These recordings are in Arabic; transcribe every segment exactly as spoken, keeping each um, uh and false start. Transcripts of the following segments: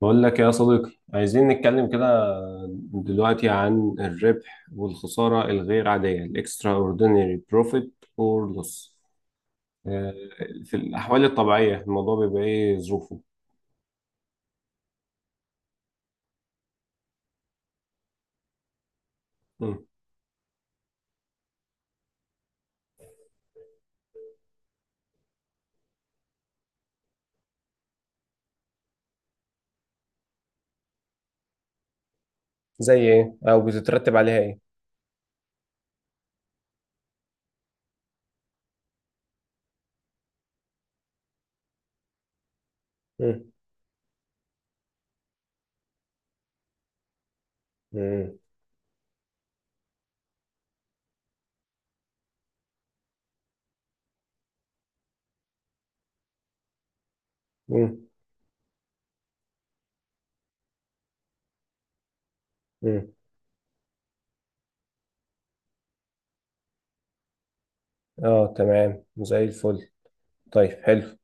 بقول لك يا صديقي، عايزين نتكلم كده دلوقتي عن الربح والخسارة الغير عادية، ال extraordinary profit or loss. آه. في الأحوال الطبيعية، الموضوع بيبقى إيه ظروفه؟ مم. زي ايه او بتترتب عليها ايه؟ مم. مم. مم. مم. اه تمام زي الفل. طيب حلو.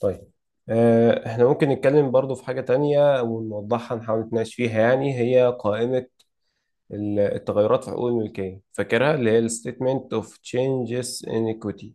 طيب. آه احنا ممكن نتكلم برضو في حاجة تانية ونوضحها، نحاول نتناقش فيها. يعني هي قائمة ال- التغيرات في حقوق الملكية، فاكرها؟ اللي هي ال Statement of Changes in Equity.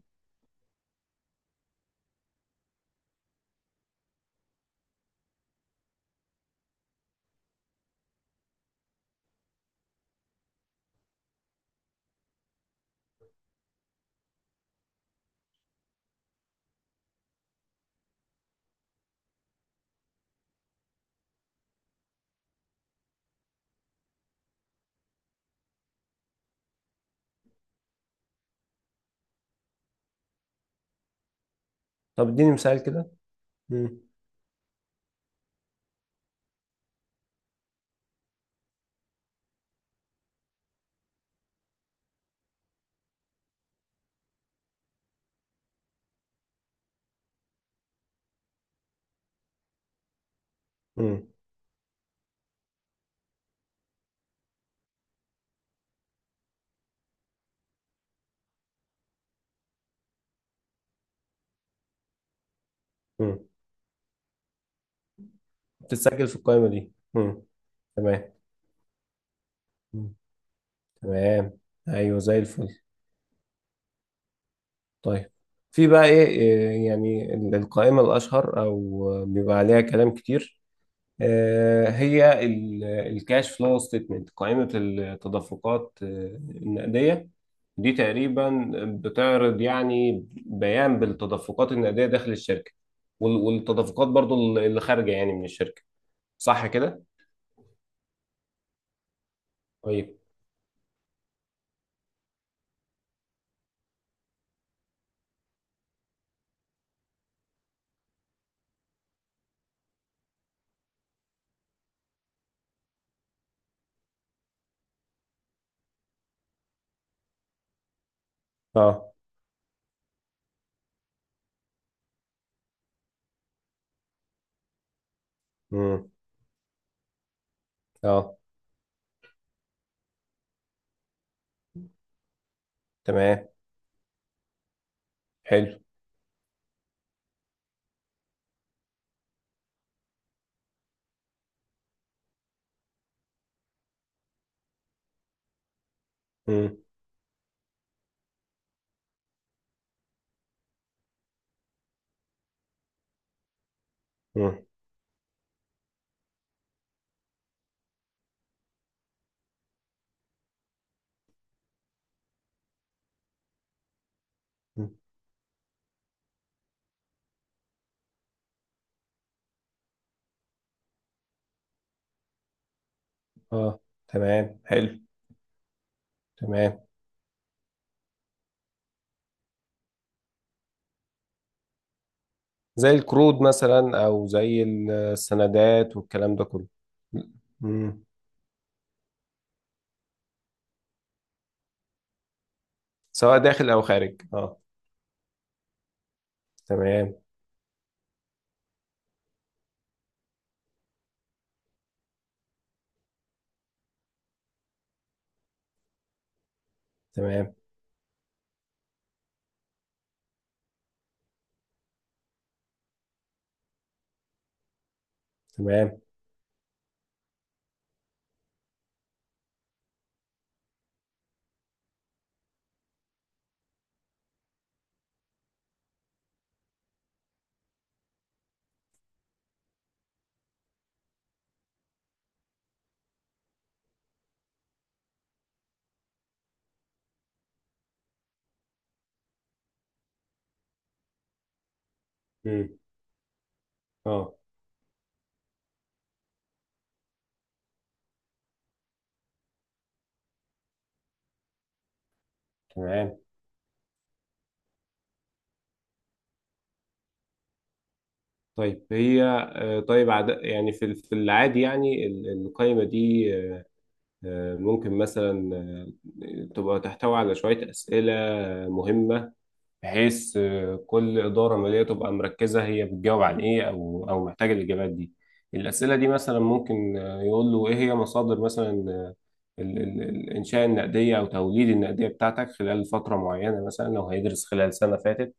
طب اديني مثال كده. مم. مم. مم. بتتسجل في القائمة دي. مم. تمام. مم. تمام. أيوه زي الفل. طيب. في بقى إيه إيه، يعني ال- القائمة الأشهر، أو بيبقى عليها كلام كتير، آه، هي الكاش فلو ستيتمنت، قائمة التدفقات آه، النقدية. دي تقريبا بتعرض يعني بيان بالتدفقات النقدية داخل الشركة، وال- والتدفقات برضو اللي خارجة يعني من الشركة. صح كده؟ طيب. اه. امم. اه تمام. حلو. امم. امم. اه تمام. حلو. تمام. زي القروض مثلا او زي السندات والكلام ده كله. مم. سواء داخل او خارج. اه. تمام. تمام. تمام. مم. اه تمام. طيب هي. آه، طيب عد... يعني في ال- في العادي، يعني ال- القائمة دي آه، ممكن مثلا آه، تبقى تحتوي على شوية أسئلة مهمة، بحيث آه، كل إدارة مالية تبقى مركزة. هي بتجاوب عن إيه، أو أو محتاجة الإجابات دي؟ الأسئلة دي مثلا ممكن آه، يقول له إيه هي مصادر مثلا آه، ال- ال- الإنشاء النقدية أو توليد النقدية بتاعتك خلال فترة معينة، مثلا لو هيدرس خلال سنة فاتت.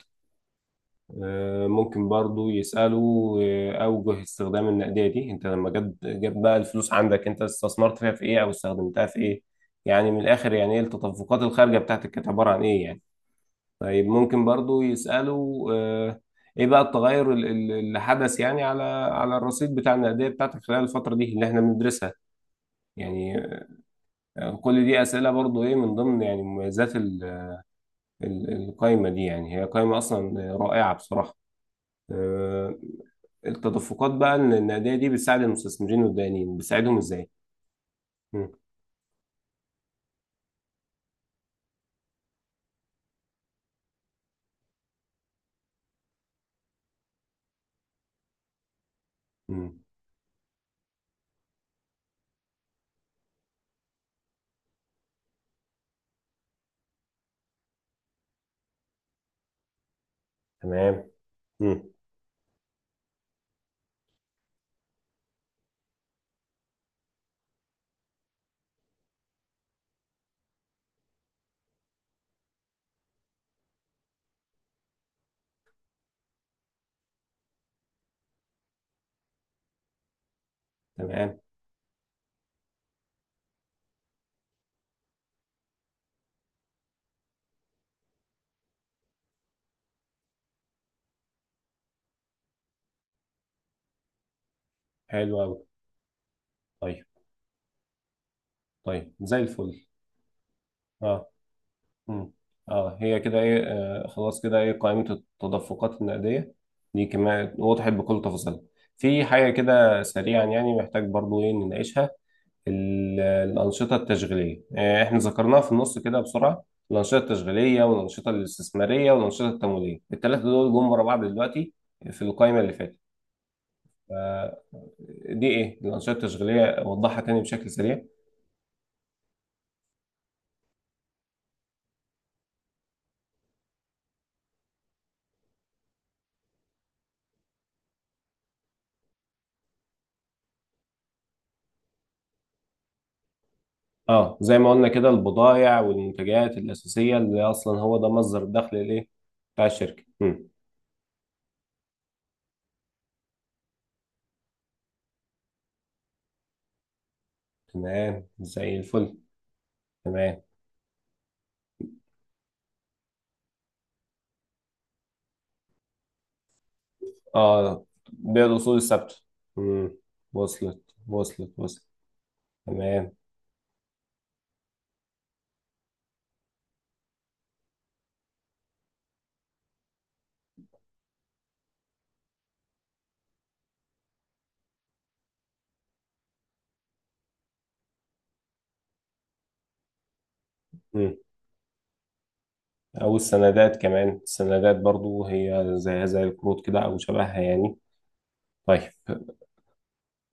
آه، ممكن برضو يسأله آه، أوجه استخدام النقدية دي. أنت لما جاب جاب بقى الفلوس عندك، أنت استثمرت فيها في إيه، أو استخدمتها في إيه؟ يعني من الآخر، يعني إيه التدفقات الخارجة بتاعتك، كانت عبارة عن إيه يعني. طيب ممكن برضو يسألوا آه، ايه بقى التغير ال- ال- اللي حدث يعني على على الرصيد بتاع النقدية بتاعتك خلال الفترة دي اللي احنا بندرسها. يعني آه، كل دي أسئلة برضو ايه، من ضمن يعني مميزات ال- ال- القايمة دي. يعني هي قايمة أصلا رائعة بصراحة. آه، التدفقات بقى ان النقدية دي بتساعد المستثمرين والدائنين، بتساعدهم ازاي؟ مم. مم. تمام. مم. تمام. حلو أوي. طيب. طيب زي الفل. اه. مم. اه هي كده ايه، آه خلاص كده ايه قائمة التدفقات النقدية دي كمان، وضحت بكل تفاصيلها. في حاجة كده سريعا يعني محتاج برضو ايه نناقشها. ال- الأنشطة التشغيلية، آه احنا ذكرناها في النص كده بسرعة. الأنشطة التشغيلية والأنشطة الاستثمارية والأنشطة التمويلية، الثلاثة دول جم ورا بعض دلوقتي في القائمة اللي فاتت. آه، دي ايه الأنشطة التشغيلية؟ أوضحها تاني بشكل سريع. اه زي ما قلنا كده البضائع والمنتجات الأساسية، اللي أصلا هو ده مصدر الدخل الإيه بتاع الشركة. مم. تمام زي الفل. تمام. اه بيع الأصول الثابتة. مم. وصلت. وصلت. وصلت. تمام. مم. أو السندات، كمان السندات برضو هي زيها زي القروض كده أو شبهها يعني. طيب.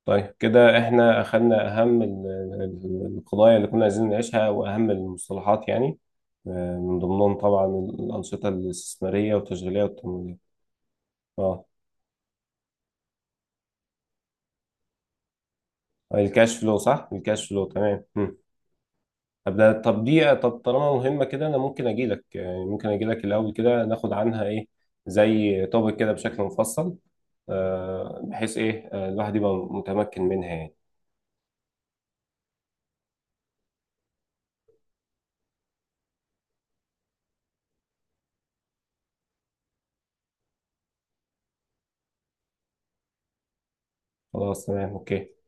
طيب كده احنا اخدنا اهم ال- ال- القضايا اللي كنا عايزين نعيشها، واهم المصطلحات يعني آه، من ضمنهم طبعا الانشطه الاستثماريه والتشغيليه والتمويليه. اه الكاش فلو، صح، الكاش فلو تمام. مم. ابدا. طب دي طب طالما مهمه كده، انا ممكن اجي لك، يعني ممكن اجي لك الاول كده، ناخد عنها ايه زي توبك كده بشكل مفصل، آه، بحيث ايه آه، الواحد يبقى متمكن منها يعني. خلاص تمام اوكي.